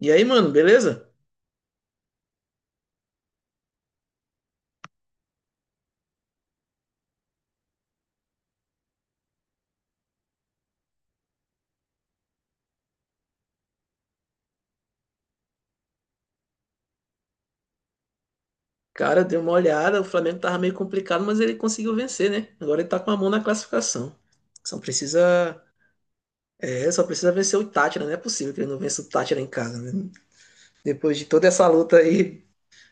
E aí, mano, beleza? Cara, deu uma olhada, o Flamengo tava meio complicado, mas ele conseguiu vencer, né? Agora ele tá com a mão na classificação. Só precisa, só precisa vencer o Tátira, não é possível que ele não vença o Tátira em casa, né? Depois de toda essa luta aí,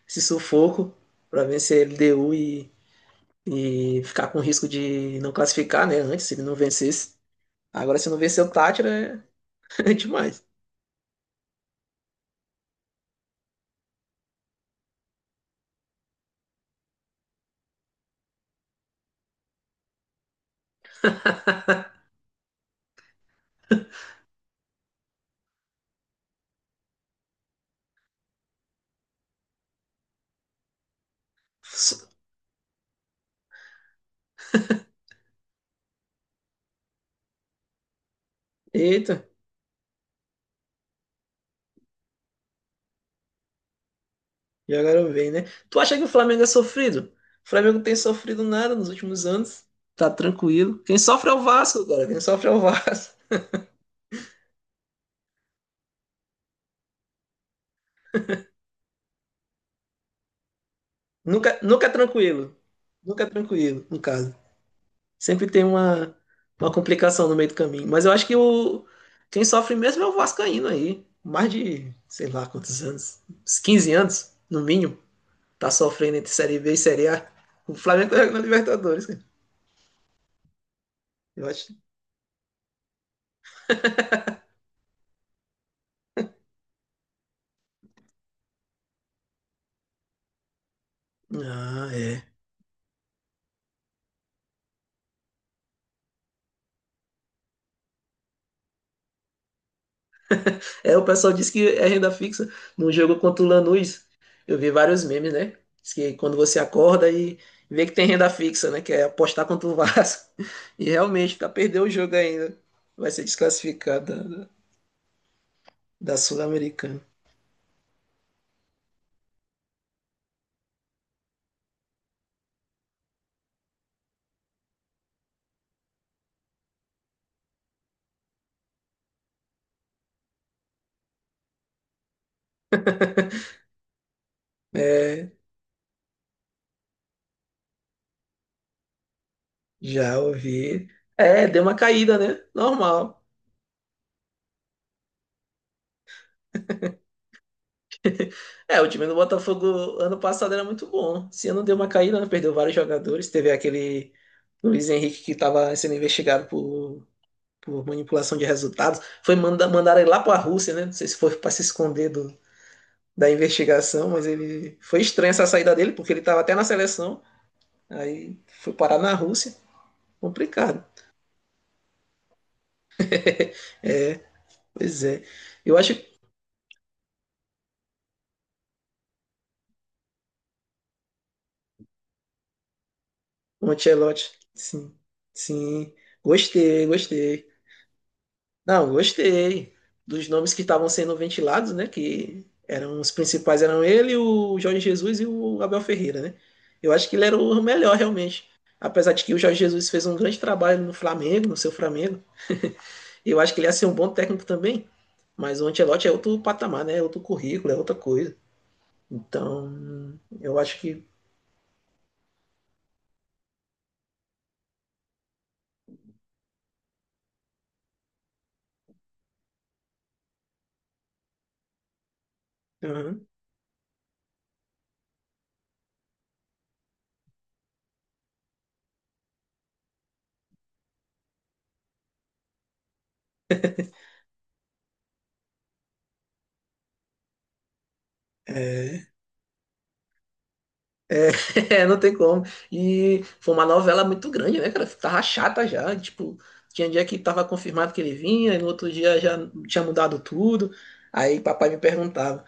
esse sufoco pra vencer a LDU e ficar com risco de não classificar, né? Antes, se ele não vencesse. Agora, se não vencer o Tátira, é, é demais. Eita, jogaram bem, né? Tu acha que o Flamengo é sofrido? O Flamengo não tem sofrido nada nos últimos anos. Tá tranquilo. Quem sofre é o Vasco agora. Quem sofre é o Vasco. Nunca é tranquilo. Nunca é tranquilo, no caso. Sempre tem uma complicação no meio do caminho. Mas eu acho quem sofre mesmo é o Vascaíno aí. Mais de, sei lá quantos anos. Uns 15 anos, no mínimo. Tá sofrendo entre Série B e Série A. O Flamengo tá jogando na Libertadores, cara. Eu acho. Ah, é. É, o pessoal diz que é renda fixa. No jogo contra o Lanús, eu vi vários memes, né? Diz que quando você acorda e vê que tem renda fixa, né? Que é apostar contra o Vasco. E realmente, tá perdendo o jogo ainda. Vai ser desclassificado da Sul-Americana. É, já ouvi. É, deu uma caída, né? Normal. É, o time do Botafogo ano passado era muito bom. Esse ano deu uma caída, né? Perdeu vários jogadores. Teve aquele Luiz Henrique que estava sendo investigado por manipulação de resultados. Foi mandar ele lá para a Rússia, né? Não sei se foi para se esconder da investigação, mas ele foi estranha essa saída dele, porque ele estava até na seleção, aí foi parar na Rússia. Complicado. Pois é. Eu acho que o Ancelotti, sim, sim. Gostei, gostei. Não, gostei dos nomes que estavam sendo ventilados, né? Que eram os principais, eram ele, o Jorge Jesus e o Abel Ferreira, né? Eu acho que ele era o melhor realmente. Apesar de que o Jorge Jesus fez um grande trabalho no Flamengo, no seu Flamengo, eu acho que ele ia ser um bom técnico também. Mas o Ancelotti é outro patamar, né? É outro currículo, é outra coisa. Então, eu acho que. Uhum. É, não tem como. E foi uma novela muito grande, né, cara? Tava chata já. Tipo, tinha dia que tava confirmado que ele vinha, e no outro dia já tinha mudado tudo. Aí papai me perguntava: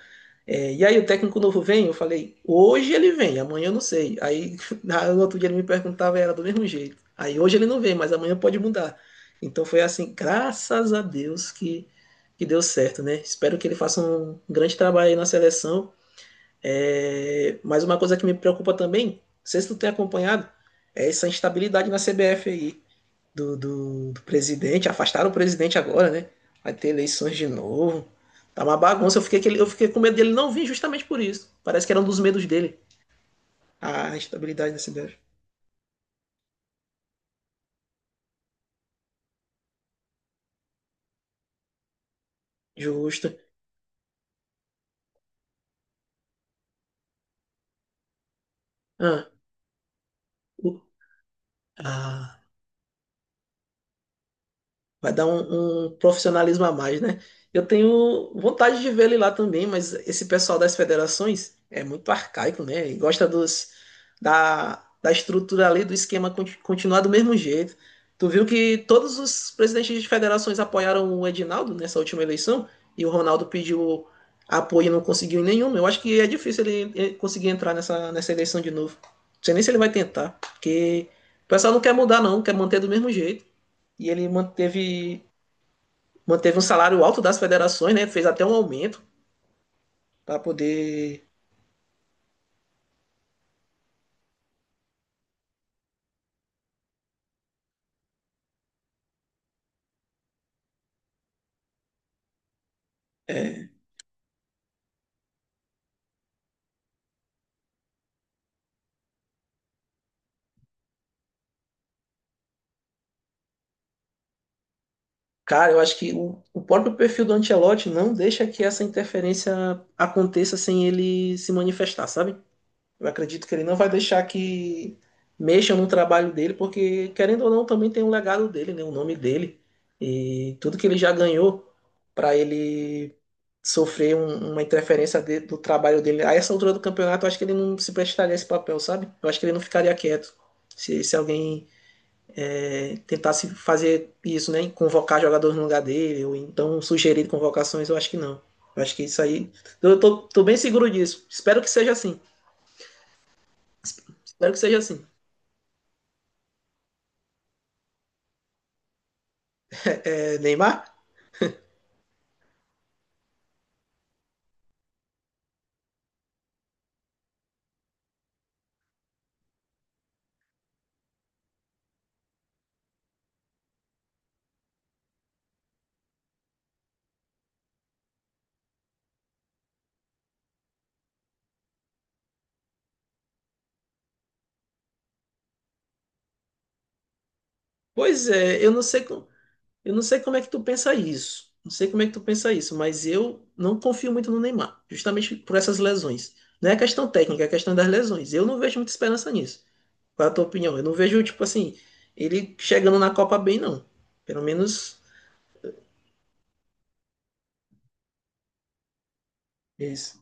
é, e aí o técnico novo vem? Eu falei: hoje ele vem, amanhã eu não sei. Aí no outro dia ele me perguntava e era do mesmo jeito. Aí hoje ele não vem, mas amanhã pode mudar. Então foi assim, graças a Deus que deu certo, né? Espero que ele faça um grande trabalho aí na seleção é, mas uma coisa que me preocupa também, não sei se tu tem acompanhado, é essa instabilidade na CBF aí, do presidente, afastaram o presidente agora, né? Vai ter eleições de novo. Tá uma bagunça, eu fiquei, eu fiquei com medo dele não vir justamente por isso. Parece que era um dos medos dele, a instabilidade na CBF. Justo. Ah, o, ah, Vai dar um profissionalismo a mais, né? Eu tenho vontade de ver ele lá também, mas esse pessoal das federações é muito arcaico, né? E gosta da estrutura ali, do esquema continuar do mesmo jeito. Tu viu que todos os presidentes de federações apoiaram o Edinaldo nessa última eleição e o Ronaldo pediu apoio e não conseguiu em nenhum. Eu acho que é difícil ele conseguir entrar nessa eleição de novo. Não sei nem se ele vai tentar, porque o pessoal não quer mudar, não, quer manter do mesmo jeito e ele manteve um salário alto das federações, né? Fez até um aumento para poder. É, cara, eu acho que o próprio perfil do Ancelotti não deixa que essa interferência aconteça sem ele se manifestar, sabe? Eu acredito que ele não vai deixar que mexam no trabalho dele, porque, querendo ou não, também tem um legado dele, né? O nome dele. E tudo que ele já ganhou para ele sofrer uma interferência do trabalho dele. A essa altura do campeonato, eu acho que ele não se prestaria a esse papel, sabe? Eu acho que ele não ficaria quieto. Se alguém tentasse fazer isso, né? Convocar jogadores no lugar dele, ou então sugerir convocações, eu acho que não. Eu acho que isso aí. Eu tô bem seguro disso. Espero que seja assim. Espero que seja assim. É, Neymar? Pois é, eu não sei. Eu não sei como é que tu pensa isso. Não sei como é que tu pensa isso, mas eu não confio muito no Neymar, justamente por essas lesões. Não é questão técnica, é questão das lesões. Eu não vejo muita esperança nisso. Qual é a tua opinião? Eu não vejo, tipo assim, ele chegando na Copa bem, não. Pelo menos isso.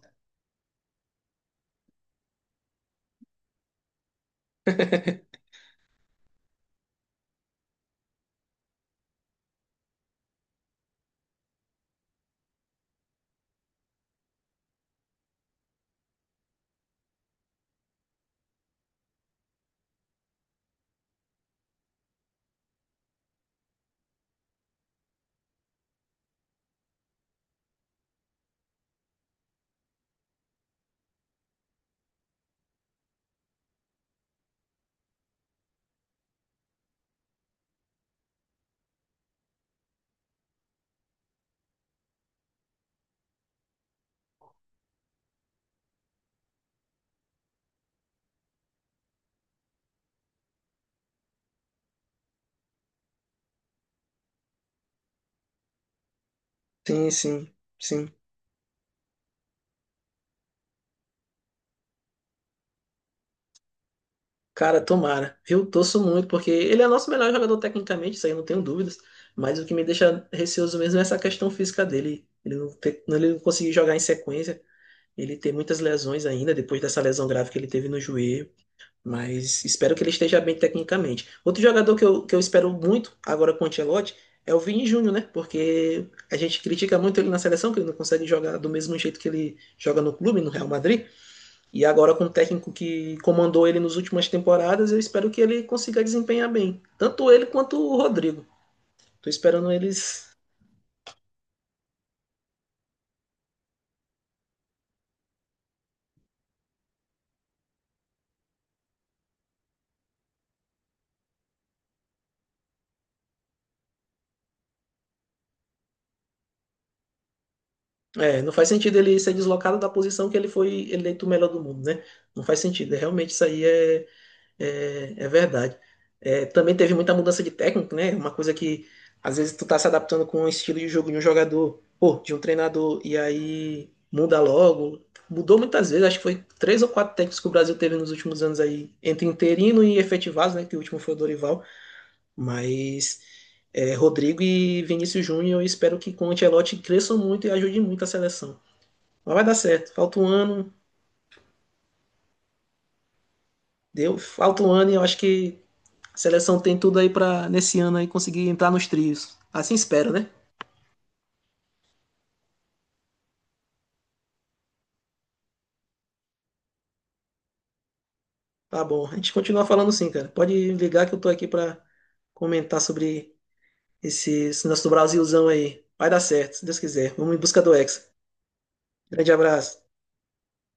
Sim, sim, sim. Cara, tomara. Eu torço muito, porque ele é nosso melhor jogador tecnicamente, isso aí eu não tenho dúvidas. Mas o que me deixa receoso mesmo é essa questão física dele. Ele não, ele não conseguir jogar em sequência. Ele tem muitas lesões ainda, depois dessa lesão grave que ele teve no joelho, mas espero que ele esteja bem tecnicamente. Outro jogador que eu espero muito agora com o Ancelotti é o Vini Júnior, né? Porque a gente critica muito ele na seleção, que ele não consegue jogar do mesmo jeito que ele joga no clube, no Real Madrid. E agora com o técnico que comandou ele nas últimas temporadas, eu espero que ele consiga desempenhar bem. Tanto ele quanto o Rodrigo. Tô esperando eles é, não faz sentido ele ser deslocado da posição que ele foi eleito o melhor do mundo, né? Não faz sentido. É, realmente isso aí é verdade. É, também teve muita mudança de técnico, né? Uma coisa que às vezes tu tá se adaptando com o estilo de jogo de um jogador, ou de um treinador, e aí muda logo. Mudou muitas vezes, acho que foi 3 ou 4 técnicos que o Brasil teve nos últimos anos aí, entre interino e efetivados, né? Que o último foi o Dorival, mas é, Rodrigo e Vinícius Júnior, eu espero que com o Ancelotti cresçam muito e ajudem muito a seleção. Mas vai dar certo. Falta um ano. Deu, falta um ano e eu acho que a seleção tem tudo aí para nesse ano aí conseguir entrar nos trios. Assim espero, né? Tá bom. A gente continua falando sim, cara. Pode ligar que eu tô aqui para comentar sobre esse nosso Brasilzão aí. Vai dar certo, se Deus quiser. Vamos em busca do Hexa. Grande abraço.